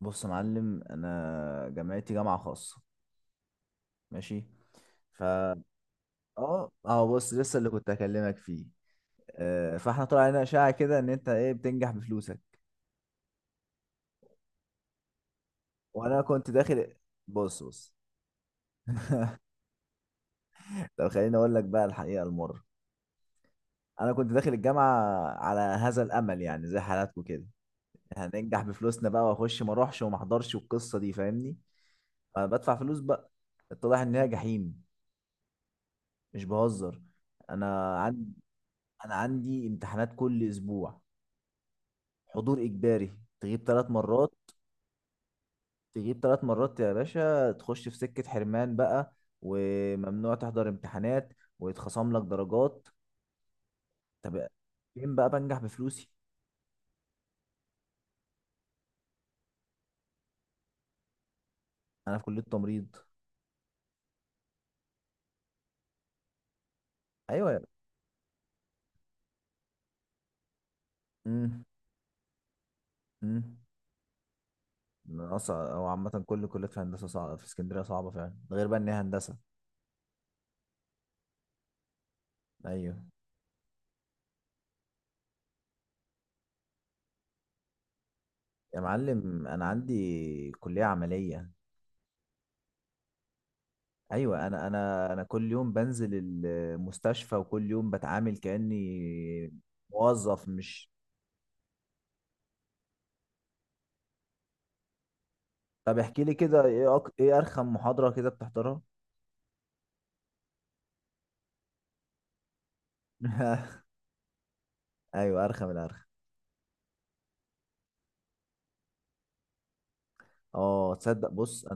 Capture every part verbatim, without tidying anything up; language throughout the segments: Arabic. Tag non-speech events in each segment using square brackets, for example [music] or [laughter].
بص يا معلم، انا جامعتي جامعه خاصه. ماشي. فا اه اه بص لسه اللي كنت هكلمك فيه. آه، فاحنا طلع علينا اشاعه كده ان انت ايه بتنجح بفلوسك. وانا كنت داخل. بص بص. [laughs] طب خليني اقول لك بقى الحقيقه المره. انا كنت داخل الجامعه على هذا الامل، يعني زي حالاتكم كده، هننجح بفلوسنا بقى واخش ما اروحش وما احضرش والقصه دي، فاهمني؟ انا بدفع فلوس بقى. اتضح ان هي جحيم، مش بهزر. انا عندي انا عندي امتحانات كل اسبوع، حضور اجباري. تغيب ثلاث مرات. تغيب ثلاث مرات يا باشا تخش في سكة حرمان بقى، وممنوع تحضر امتحانات، ويتخصم لك درجات. طب فين بقى بنجح بفلوسي؟ انا في كلية تمريض. ايوه يا. امم امم. اصعب او عامة كل كليات في هندسة صعبة، في اسكندرية صعبة فعلا، ده غير بقى ان هي هندسة. ايوه يا معلم، انا عندي كلية عملية. ايوه، انا انا انا كل يوم بنزل المستشفى وكل يوم بتعامل كاني موظف، مش؟ طب احكي لي كده، ايه أك... ايه ارخم محاضره كده بتحضرها؟ [laughs] ايوه، ارخم الارخم. اه، تصدق، بص،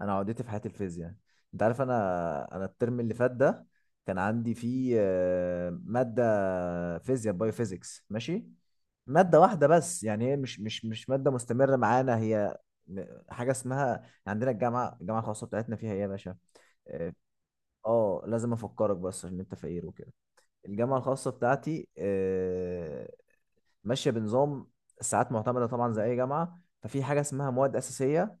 انا عقدتي في حياتي الفيزياء. انت عارف، انا انا الترم اللي فات ده كان عندي فيه آه، ماده فيزياء بايو فيزيكس ماشي. ماده واحده بس، يعني هي مش مش مش ماده مستمره معانا، هي م- حاجه اسمها عندنا، الجامعه، الجامعه الخاصه بتاعتنا فيها ايه يا باشا. اه. آه، لازم افكرك بس عشان انت فقير وكده. الجامعه الخاصه بتاعتي آه، ماشيه بنظام ساعات معتمده، طبعا زي اي جامعه. ففي حاجه اسمها مواد اساسيه،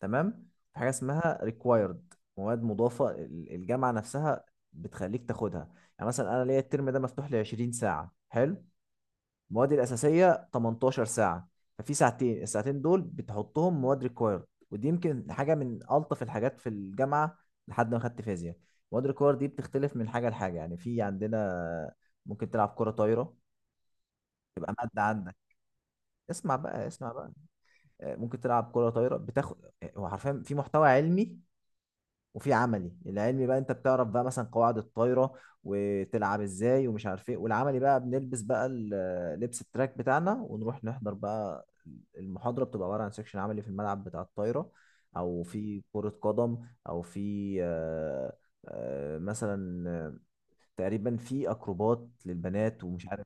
تمام. في حاجه اسمها ريكوايرد، مواد مضافه ال- الجامعه نفسها بتخليك تاخدها. يعني مثلا انا ليا الترم ده مفتوح لي عشرين ساعه، حلو. المواد الاساسيه تمنتاشر ساعه، ففي ساعتين. الساعتين دول بتحطهم مواد ريكوايرد، ودي يمكن حاجه من الطف الحاجات في الجامعه، لحد ما خدت فيزياء. مواد ريكوايرد دي بتختلف من حاجه لحاجه. يعني في عندنا ممكن تلعب كره طايره تبقى ماده عندك. اسمع بقى، اسمع بقى. آه، ممكن تلعب كره طايره، بتاخد آه، هو حرفيا في محتوى علمي، وفي عملي. العلمي بقى انت بتعرف بقى مثلا قواعد الطايره وتلعب ازاي ومش عارف ايه. والعملي بقى بنلبس بقى ال- لبس التراك بتاعنا ونروح نحضر بقى. المحاضره بتبقى عباره عن سيكشن عملي في الملعب بتاع الطايره، او في كره قدم، او في آه، آه، مثلا آه، تقريبا في اكروبات للبنات ومش عارف.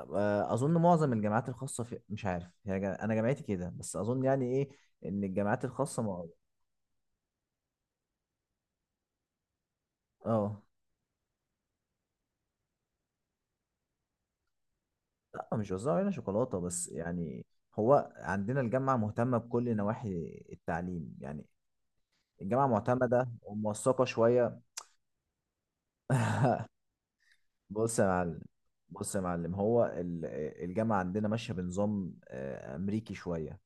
آه، اظن معظم الجامعات الخاصه في، مش عارف، هي جا- انا جامعتي كده، بس اظن يعني ايه ان الجامعات الخاصه مع- اه. لا، مش وزعوا علينا شوكولاتة، بس يعني هو عندنا الجامعة مهتمة بكل نواحي التعليم يعني، الجامعة معتمدة وموثقة شوية. بص يا معلم، بص يا معلم، هو ال- الجامعة عندنا ماشية بنظام آه، أمريكي شوية،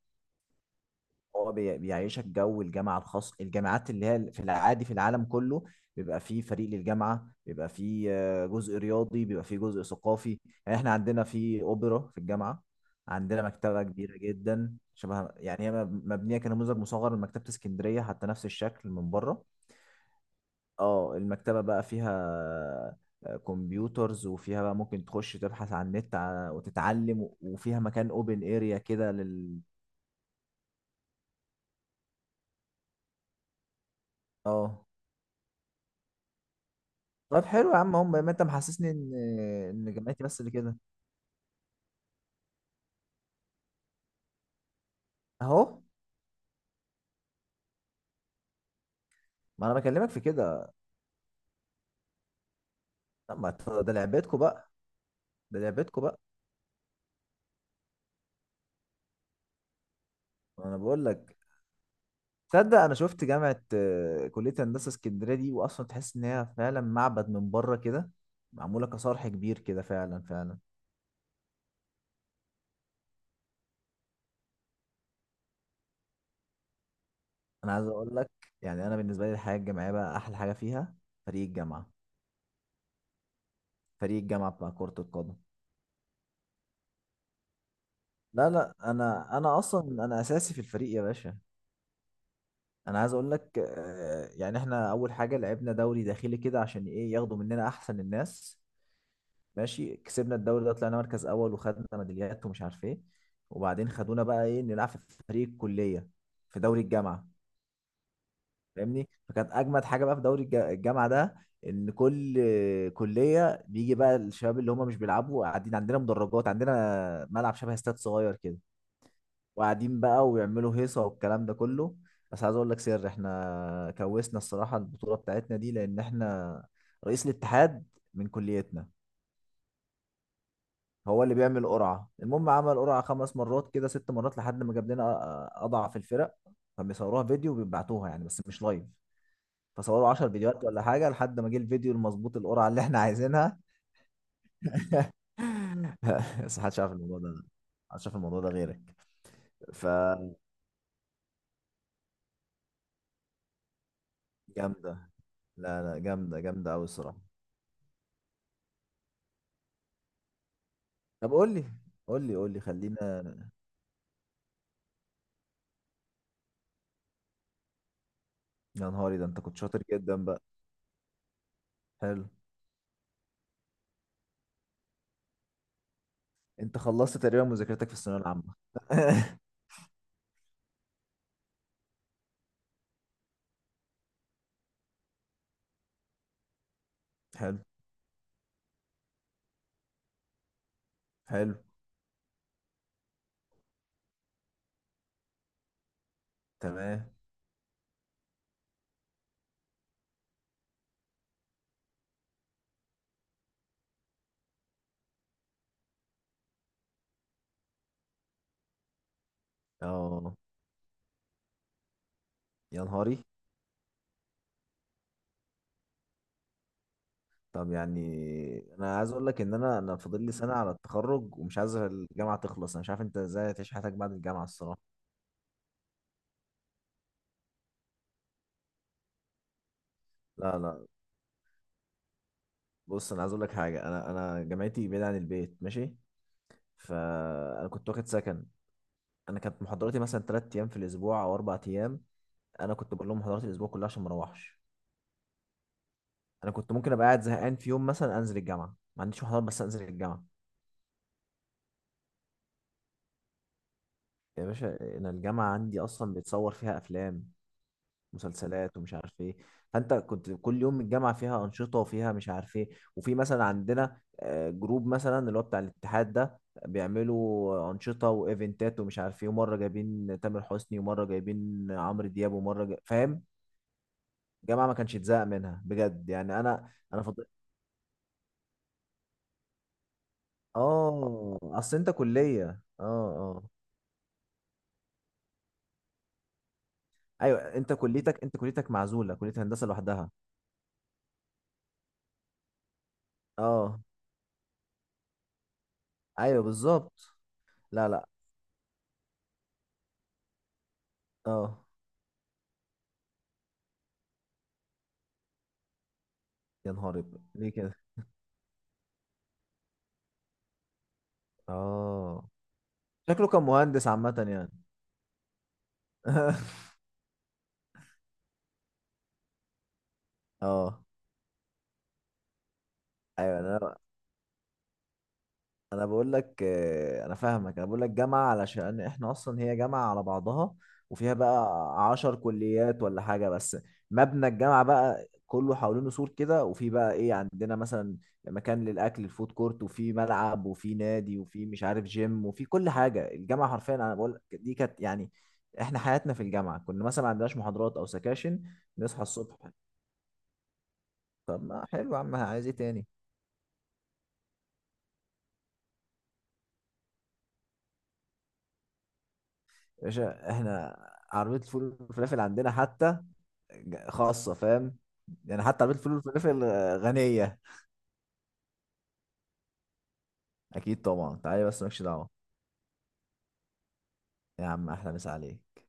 هو بي- بيعيشك جو الجامعة الخاص، الجامعات اللي هي في العادي في العالم كله. بيبقى فيه فريق للجامعة، بيبقى فيه آه، جزء رياضي، بيبقى فيه جزء ثقافي. يعني احنا عندنا في أوبرا في الجامعة. عندنا مكتبة كبيرة جدا، شبه يعني هي مب- مبنية كنموذج مصغر لمكتبة اسكندرية، حتى نفس الشكل من بره. اه، المكتبة بقى فيها آه، كمبيوترز، وفيها بقى ممكن تخش تبحث عن النت ع- وتتعلم، وفيها مكان اوبن اريا كده لل. اه، طب حلو يا عم، هم ما انت محسسني ان ان جامعتي بس اللي كده. اهو. ما انا بكلمك في كده. طب ما ت- ده لعبتكم بقى، ده لعبتكم بقى. انا بقول لك، تصدق انا شفت جامعه آه، كليه هندسه اسكندريه دي، واصلا تحس ان هي فعلا معبد من بره كده، معموله كصرح كبير كده، فعلا فعلا. انا عايز اقول لك، يعني انا بالنسبه لي الحياه الجامعيه بقى احلى حاجه فيها فريق الجامعه. فريق الجامعه بتاع كره القدم. لا لا، انا انا اصلا انا اساسي في الفريق يا باشا. انا عايز اقول لك آه، يعني احنا اول حاجه لعبنا دوري داخلي كده عشان ايه، ياخدوا مننا احسن الناس. ماشي، كسبنا الدوري ده، طلعنا مركز اول وخدنا ميداليات ومش عارف ايه. وبعدين خدونا بقى ايه، نلعب في فريق الكليه في دوري الجامعه، فاهمني؟ فكانت اجمد حاجه بقى في دوري الج- الجامعه ده ان كل كليه بيجي بقى الشباب اللي هم مش بيلعبوا قاعدين، عندنا مدرجات، عندنا ملعب شبه استاد صغير كده، وقاعدين بقى ويعملوا هيصة والكلام ده كله. بس عايز اقول لك سر، احنا كوسنا الصراحة البطولة بتاعتنا دي، لان احنا رئيس الاتحاد من كليتنا، هو اللي بيعمل قرعة. المهم، عمل قرعة خمس مرات كده، ست مرات، لحد ما جاب لنا أ- اضعف الفرق. فبيصوروها فيديو وبيبعتوها، يعني بس مش لايف. فصوروا عشر فيديوهات ولا حاجة لحد ما جه الفيديو المظبوط، القرعة اللي احنا عايزينها. [laughs] بس محدش عارف الموضوع ده، محدش عارف الموضوع ده غيرك، فجامدة. لا لا، جامدة جامدة أوي الصراحة. طب قول لي، قول لي قول لي خلينا. يا نهاري ده، انت كنت شاطر جدا بقى. حلو. انت خلصت تقريبا مذاكرتك في الثانويه العامه. [laughs] حلو حلو. تمام. اه. يا نهاري. طب يعني انا عايز اقول لك ان انا انا فاضل لي سنه على التخرج، ومش عايز الجامعه تخلص. انا مش عارف انت ازاي هتعيش حياتك بعد الجامعه الصراحه. لا لا، بص، انا عايز اقول لك حاجه، انا انا جامعتي بعيده عن البيت ماشي. فانا كنت واخد سكن. انا كانت محاضراتي مثلا ثلاث ايام في الاسبوع او اربع ايام، انا كنت بقول لهم محاضرات الاسبوع كلها عشان ما اروحش. انا كنت ممكن ابقى قاعد زهقان في يوم مثلا، انزل الجامعه ما عنديش محاضرات بس انزل الجامعه. يا باشا، انا الجامعه عندي اصلا بيتصور فيها افلام، مسلسلات ومش عارف ايه. فانت كنت كل يوم، الجامعه فيها انشطه وفيها مش عارف ايه، وفي مثلا عندنا آه، جروب مثلا اللي هو بتاع الاتحاد ده، بيعملوا انشطه وايفنتات ومش عارف ايه، ومره جايبين تامر حسني ومره جايبين عمرو دياب ومره جا... فاهم؟ الجامعه ما كانش اتزهق منها بجد، يعني انا انا فضلت. اه. اصل انت كليه. اه اه. ايوه، انت كليتك، انت كليتك معزوله، كليه هندسه لوحدها. اه. ايوه بالظبط. لا لا. اه. يا نهار ابيض، ليه كده؟ اه. شكله كان مهندس عامه يعني. [laughs] اه. ايوه. انا انا بقول لك آه، انا فاهمك، انا بقول لك جامعه علشان احنا اصلا هي جامعه على بعضها، وفيها بقى عشر كليات ولا حاجه، بس مبنى الجامعه بقى كله حوالينه سور كده، وفي بقى ايه، عندنا مثلا مكان للاكل الفود كورت، وفي ملعب، وفي نادي، وفي مش عارف جيم، وفي كل حاجه. الجامعه حرفيا، انا بقول لك دي كانت يعني احنا حياتنا في الجامعه، كنا مثلا ما عندناش محاضرات او سكاشن، نصحى الصبح. طب ما حلو يا عم، عايز ايه تاني؟ يا باشا، احنا عربيه الفول والفلافل عندنا حتى خاصه، فاهم؟ يعني حتى عربيه الفول والفلافل آه، غنيه. اكيد طبعا تعالي، بس مالكش دعوه. يا عم احلى مسا عليك.